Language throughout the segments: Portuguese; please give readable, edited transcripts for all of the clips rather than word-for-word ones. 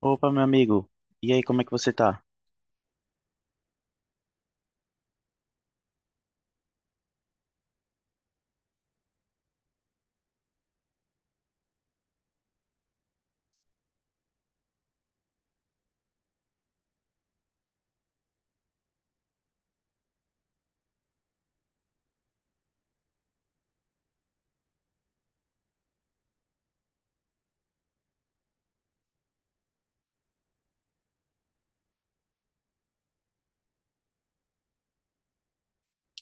Opa, meu amigo. E aí, como é que você tá?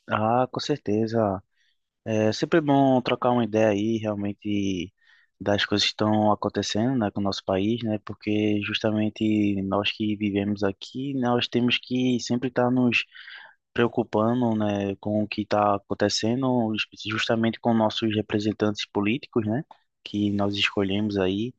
Ah, com certeza. É sempre bom trocar uma ideia aí, realmente, das coisas que estão acontecendo, né, com o nosso país, né? Porque justamente nós que vivemos aqui, nós temos que sempre estar nos preocupando, né, com o que está acontecendo, justamente com nossos representantes políticos, né? Que nós escolhemos aí.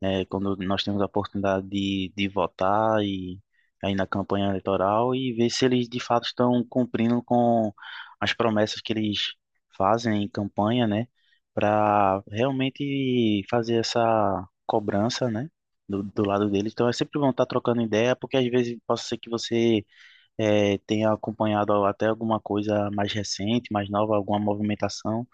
Né, quando nós temos a oportunidade de votar e aí na campanha eleitoral e ver se eles de fato estão cumprindo com as promessas que eles fazem em campanha, né, para realmente fazer essa cobrança, né, do lado deles. Então é sempre bom estar trocando ideia, porque às vezes pode ser que você tenha acompanhado até alguma coisa mais recente, mais nova, alguma movimentação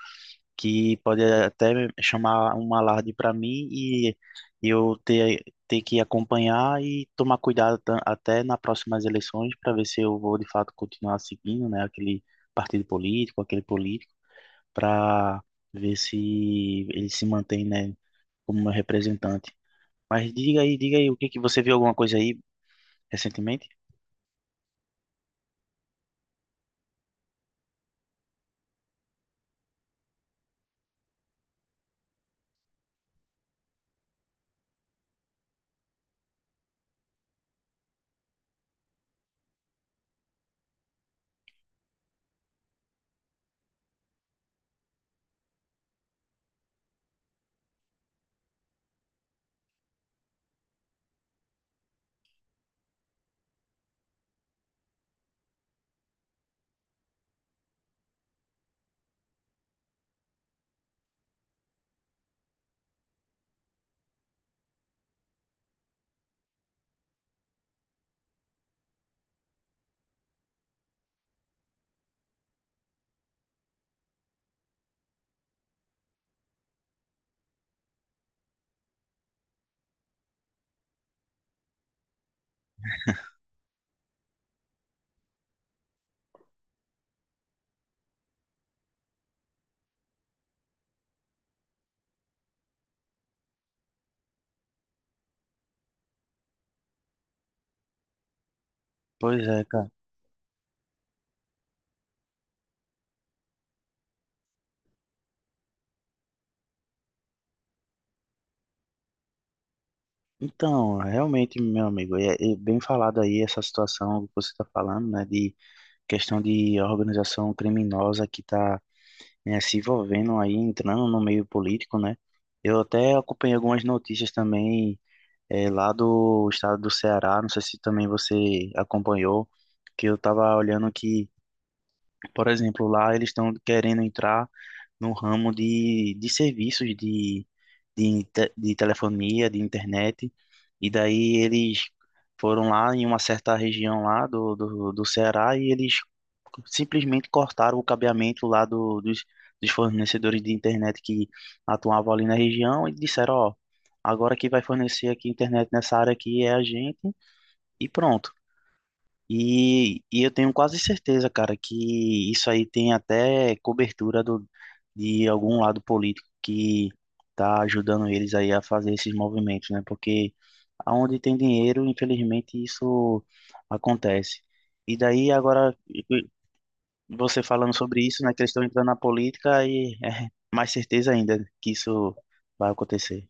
que pode até chamar um alarde para mim e eu ter, ter que acompanhar e tomar cuidado até nas próximas eleições para ver se eu vou de fato continuar seguindo, né, aquele partido político, aquele político, para ver se ele se mantém, né, como meu representante. Mas diga aí, o que que você viu, alguma coisa aí recentemente? Pois é, cara. Então, realmente, meu amigo, é bem falado aí essa situação que você está falando, né, de questão de organização criminosa que está, né, se envolvendo aí, entrando no meio político, né? Eu até acompanhei algumas notícias também lá do estado do Ceará, não sei se também você acompanhou, que eu estava olhando que, por exemplo, lá eles estão querendo entrar no ramo de serviços de de telefonia, de internet. E daí eles foram lá em uma certa região lá do Ceará e eles simplesmente cortaram o cabeamento lá dos fornecedores de internet que atuavam ali na região e disseram, ó, agora quem vai fornecer aqui internet nessa área aqui é a gente e pronto. E eu tenho quase certeza, cara, que isso aí tem até cobertura do, de algum lado político que tá ajudando eles aí a fazer esses movimentos, né? Porque aonde tem dinheiro, infelizmente, isso acontece. E daí, agora, você falando sobre isso, né, que eles estão entrando na política, aí é mais certeza ainda que isso vai acontecer.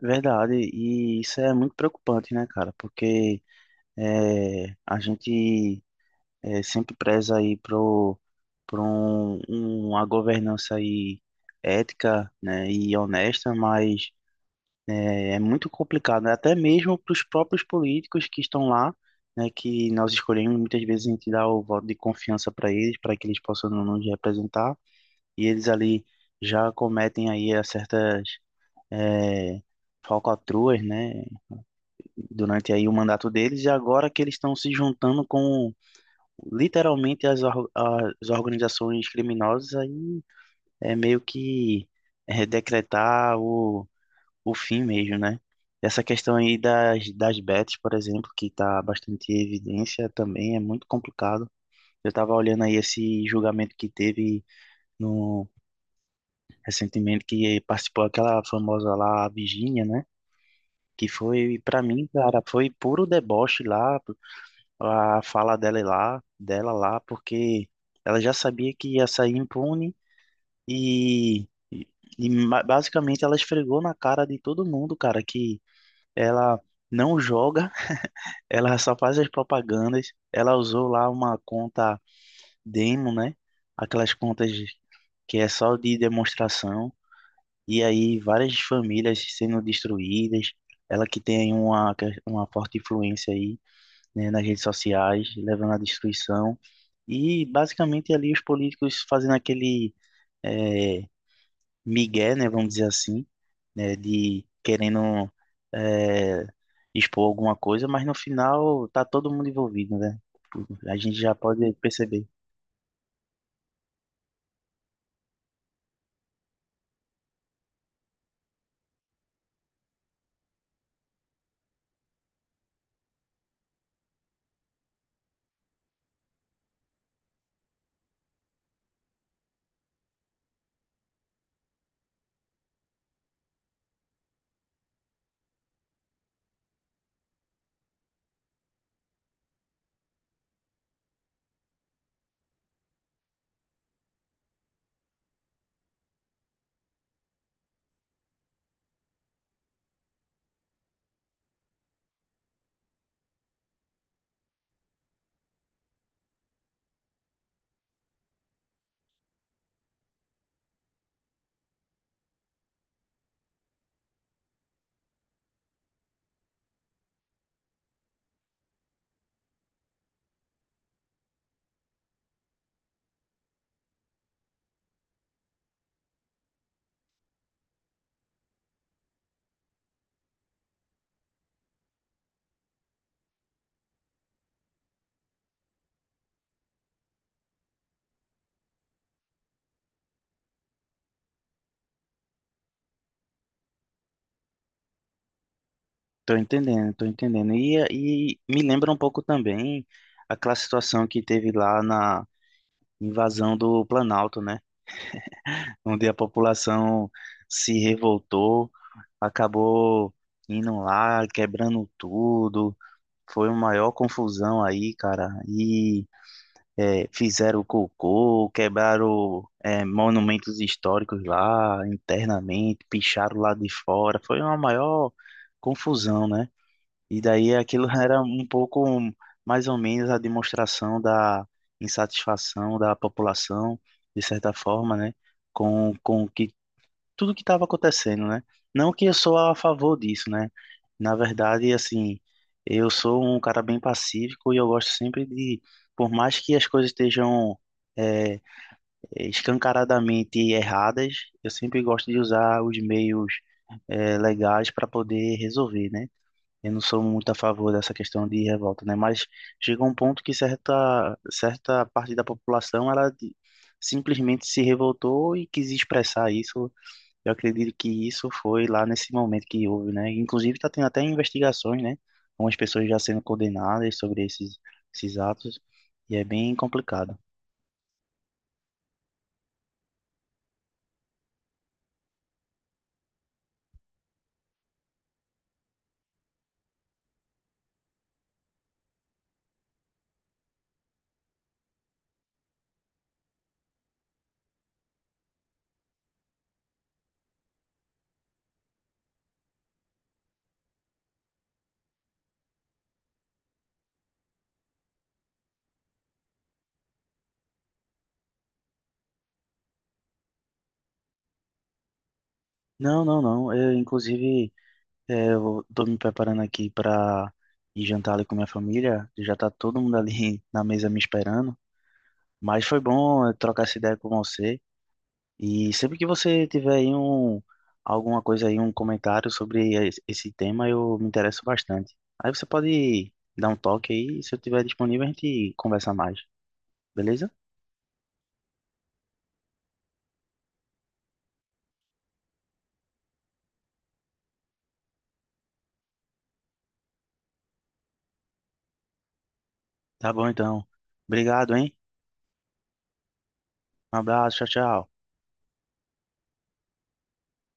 Verdade, e isso é muito preocupante, né, cara? Porque é, a gente é sempre preza aí pro uma governança aí ética, né, e honesta, mas é muito complicado, né, até mesmo para os próprios políticos que estão lá, né, que nós escolhemos, muitas vezes a gente dá o voto de confiança para eles, para que eles possam nos representar, e eles ali já cometem aí a certas eh, falcatruas, né, durante aí o mandato deles, e agora que eles estão se juntando com literalmente as organizações criminosas aí é meio que é, decretar o fim mesmo, né? Essa questão aí das bets, por exemplo, que está bastante em evidência também, é muito complicado. Eu estava olhando aí esse julgamento que teve no, recentemente, que participou aquela famosa lá, a Virgínia, né? Que foi, para mim, cara, foi puro deboche lá, a fala dela lá, porque ela já sabia que ia sair impune e, e, e basicamente ela esfregou na cara de todo mundo, cara, que ela não joga, ela só faz as propagandas, ela usou lá uma conta demo, né? Aquelas contas que é só de demonstração, e aí várias famílias sendo destruídas. Ela que tem uma forte influência aí, né, nas redes sociais, levando à destruição. E basicamente ali os políticos fazendo aquele eh, migué, né, vamos dizer assim, né, de querendo eh, expor alguma coisa, mas no final tá todo mundo envolvido, né? A gente já pode perceber. Tô entendendo, tô entendendo. E me lembra um pouco também aquela situação que teve lá na invasão do Planalto, né? Onde a população se revoltou, acabou indo lá, quebrando tudo. Foi uma maior confusão aí, cara. E é, fizeram cocô, quebraram é, monumentos históricos lá internamente, picharam lá de fora. Foi uma maior confusão, né? E daí aquilo era um pouco mais ou menos a demonstração da insatisfação da população, de certa forma, né? Com tudo que estava acontecendo, né? Não que eu sou a favor disso, né? Na verdade, assim, eu sou um cara bem pacífico e eu gosto sempre de, por mais que as coisas estejam é, escancaradamente erradas, eu sempre gosto de usar os meios legais para poder resolver, né? Eu não sou muito a favor dessa questão de revolta, né? Mas chega um ponto que certa parte da população, simplesmente se revoltou e quis expressar isso. Eu acredito que isso foi lá nesse momento que houve, né? Inclusive está tendo até investigações, né? Algumas pessoas já sendo condenadas sobre esses atos, e é bem complicado. Não, não, não. Eu, inclusive, é, eu tô me preparando aqui para ir jantar ali com minha família. Já tá todo mundo ali na mesa me esperando. Mas foi bom trocar essa ideia com você. E sempre que você tiver aí um, alguma coisa aí, um comentário sobre esse tema, eu me interesso bastante. Aí você pode dar um toque aí, se eu tiver disponível, a gente conversa mais, beleza? Tá bom então. Obrigado, hein? Um abraço, tchau, tchau.